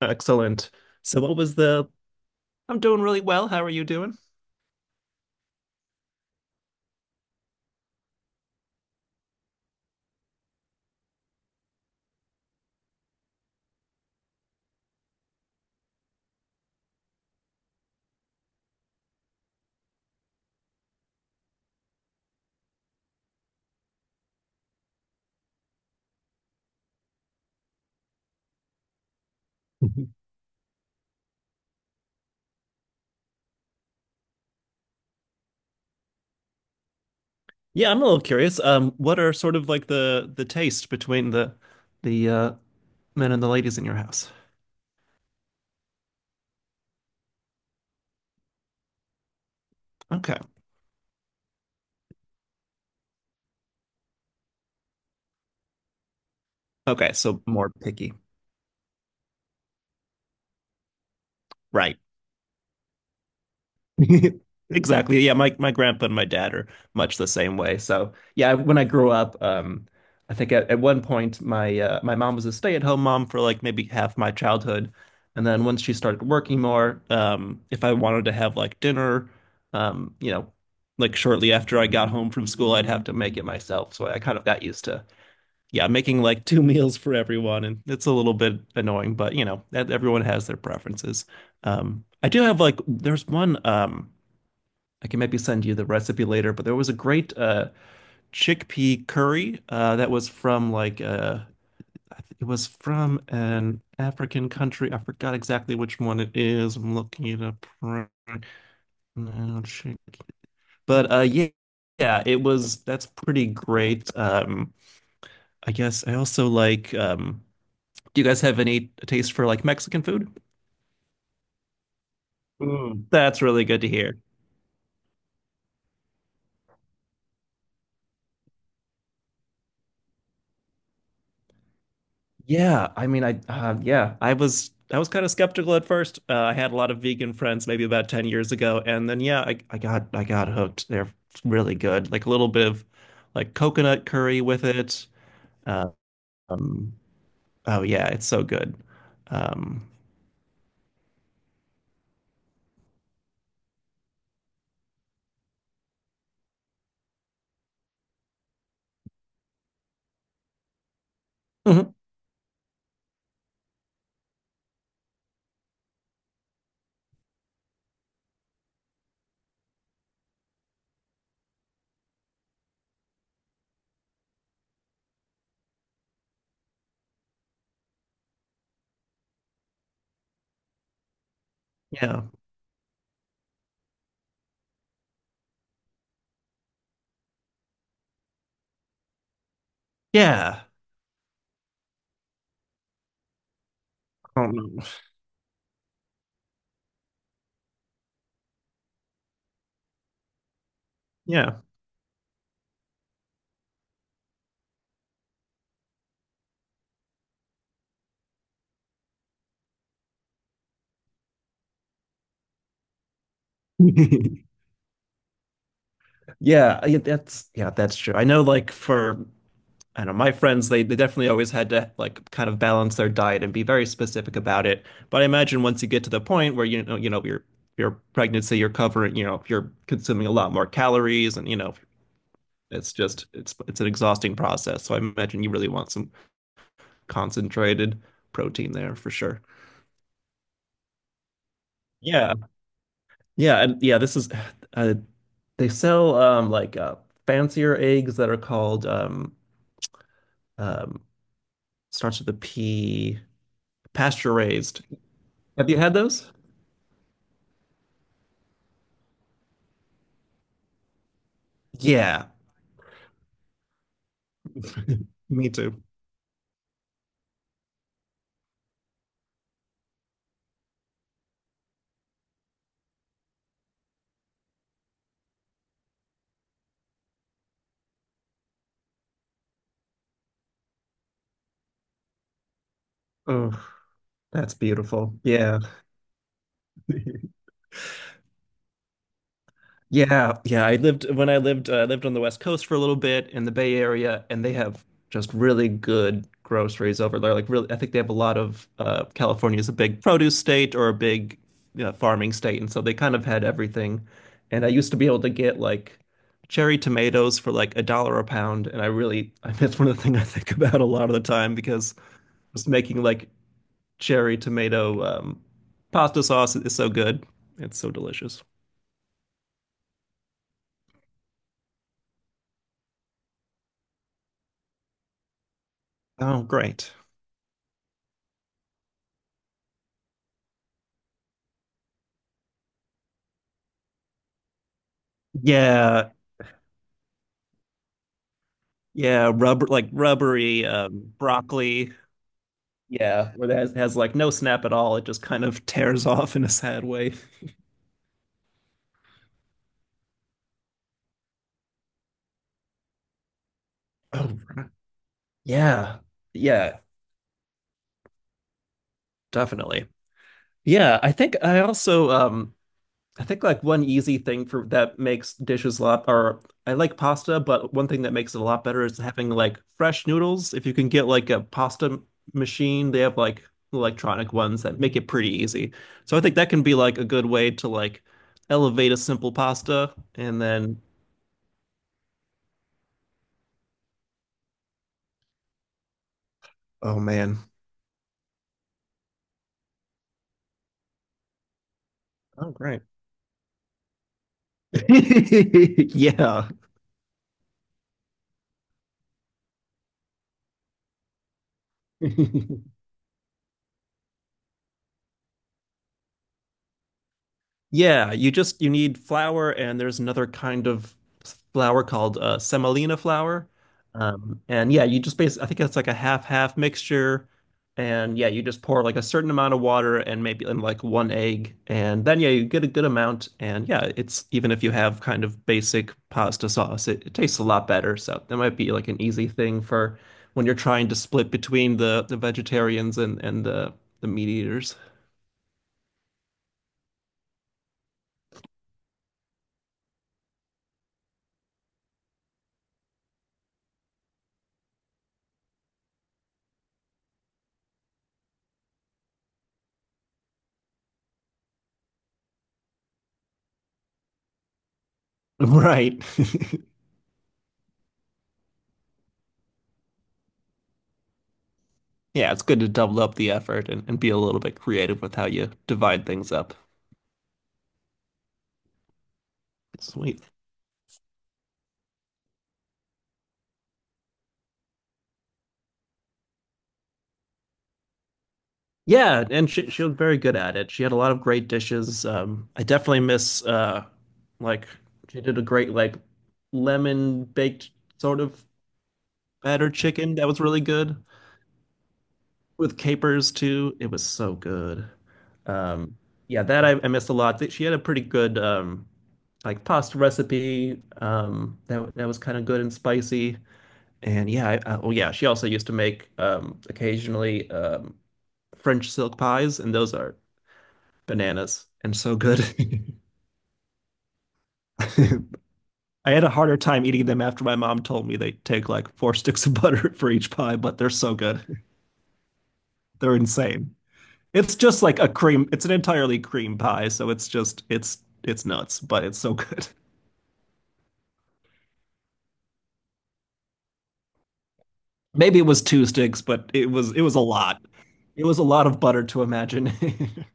Excellent. So what was the I'm doing really well. How are you doing? Yeah, I'm a little curious. What are sort of like the taste between the men and the ladies in your house? Okay. Okay, so more picky. Right. Exactly. Yeah, my grandpa and my dad are much the same way. So yeah, when I grew up, I think at one point my mom was a stay-at-home mom for like maybe half my childhood, and then once she started working more, if I wanted to have like dinner, um, you know, like shortly after I got home from school, I'd have to make it myself. So I kind of got used to yeah making like two meals for everyone, and it's a little bit annoying, but you know, that everyone has their preferences. I do have like there's one. I can maybe send you the recipe later, but there was a great chickpea curry that was from like it was from an African country. I forgot exactly which one it is. I'm looking it up right now. Chick- But yeah, yeah, it was. That's pretty great. I guess I also like. Do you guys have any taste for like Mexican food? Mm. That's really good to hear. Yeah, I mean, I yeah, I was kind of skeptical at first. I had a lot of vegan friends maybe about 10 years ago, and then yeah, I got hooked. They're really good. Like a little bit of like coconut curry with it. Uh, um, oh yeah, it's so good. Um, mhm, yeah, yeah, um, yeah. Yeah, that's true. I know like for I don't know my friends, they definitely always had to like kind of balance their diet and be very specific about it. But I imagine once you get to the point where you know, your pregnancy, you're covering, you know, if you're consuming a lot more calories and you know, it's just it's an exhausting process. So I imagine you really want some concentrated protein there for sure. Yeah. Yeah, and yeah, this is uh, they sell like fancier eggs that are called um starts with a P, pasture raised. Have you had those? Yeah, me too. Oh, that's beautiful. Yeah. Yeah, yeah. I lived on the West Coast for a little bit in the Bay Area, and they have just really good groceries over there. Like really, I think they have a lot of California is a big produce state or a big you know, farming state, and so they kind of had everything. And I used to be able to get like cherry tomatoes for like a dollar a pound, and I really I that's one of the things I think about a lot of the time because I was making like cherry tomato pasta sauce is so good. It's so delicious. Oh, great. Yeah, yeah, rubber like rubbery broccoli. Yeah, where it has like no snap at all. It just kind of tears off in a sad way. Oh, right. Yeah, yeah, definitely. Yeah, I think I also I think like one easy thing for that makes dishes a lot, or I like pasta, but one thing that makes it a lot better is having like fresh noodles. If you can get like a pasta machine, they have like electronic ones that make it pretty easy. So I think that can be like a good way to like elevate a simple pasta and then, oh man. Oh, great. Yeah. Yeah, you just you need flour, and there's another kind of flour called semolina flour. And yeah, you just basically I think it's like a half half mixture. And yeah, you just pour like a certain amount of water and maybe and like one egg, and then yeah, you get a good amount. And yeah, it's even if you have kind of basic pasta sauce, it tastes a lot better. So that might be like an easy thing for when you're trying to split between the vegetarians and and the meat eaters. Right. Yeah, it's good to double up the effort and be a little bit creative with how you divide things up. Sweet. Yeah, and she was very good at it. She had a lot of great dishes. I definitely miss like she did a great like lemon baked sort of battered chicken that was really good with capers too. It was so good. Um, yeah, that I missed a lot. She had a pretty good like pasta recipe that was kind of good and spicy. And yeah, well, yeah, she also used to make occasionally French silk pies, and those are bananas and so good. I had a harder time eating them after my mom told me they take like 4 sticks of butter for each pie, but they're so good. They're insane. It's just like a cream, it's an entirely cream pie, so it's just it's nuts, but it's so good. Maybe it was 2 sticks, but it was a lot. It was a lot of butter to imagine.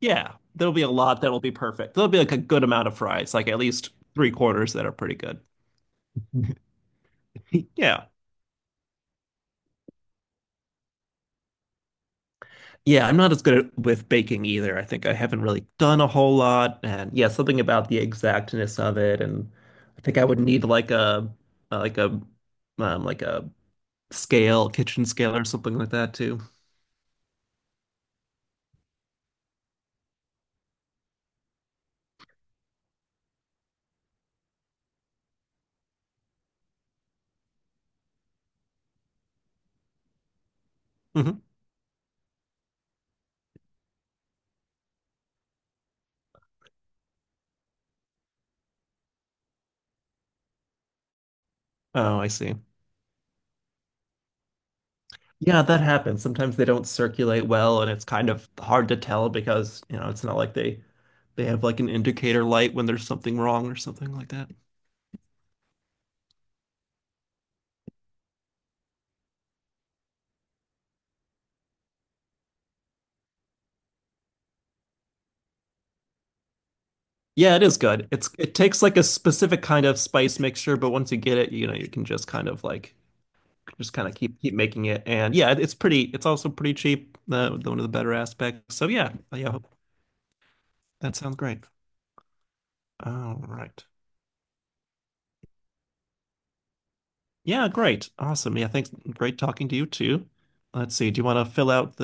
Yeah, there'll be a lot that'll be perfect. There'll be like a good amount of fries, like at least three quarters that are pretty good. Yeah. Yeah, I'm not as good with baking either. I think I haven't really done a whole lot. And yeah, something about the exactness of it. And I think I would need uh, like a, like a scale, kitchen scale or something like that too. Hmm. Oh, I see. Yeah, that happens. Sometimes they don't circulate well, and it's kind of hard to tell because, you know, it's not like they have like an indicator light when there's something wrong or something like that. Yeah, it is good. It's it takes like a specific kind of spice mixture, but once you get it, you know, you can just kind of like just kind of keep making it. And yeah, it's pretty it's also pretty cheap, the, one of the better aspects. So yeah, yeah, that sounds great. All right. Yeah, great. Awesome. Yeah, thanks. Great talking to you too. Let's see. Do you want to fill out the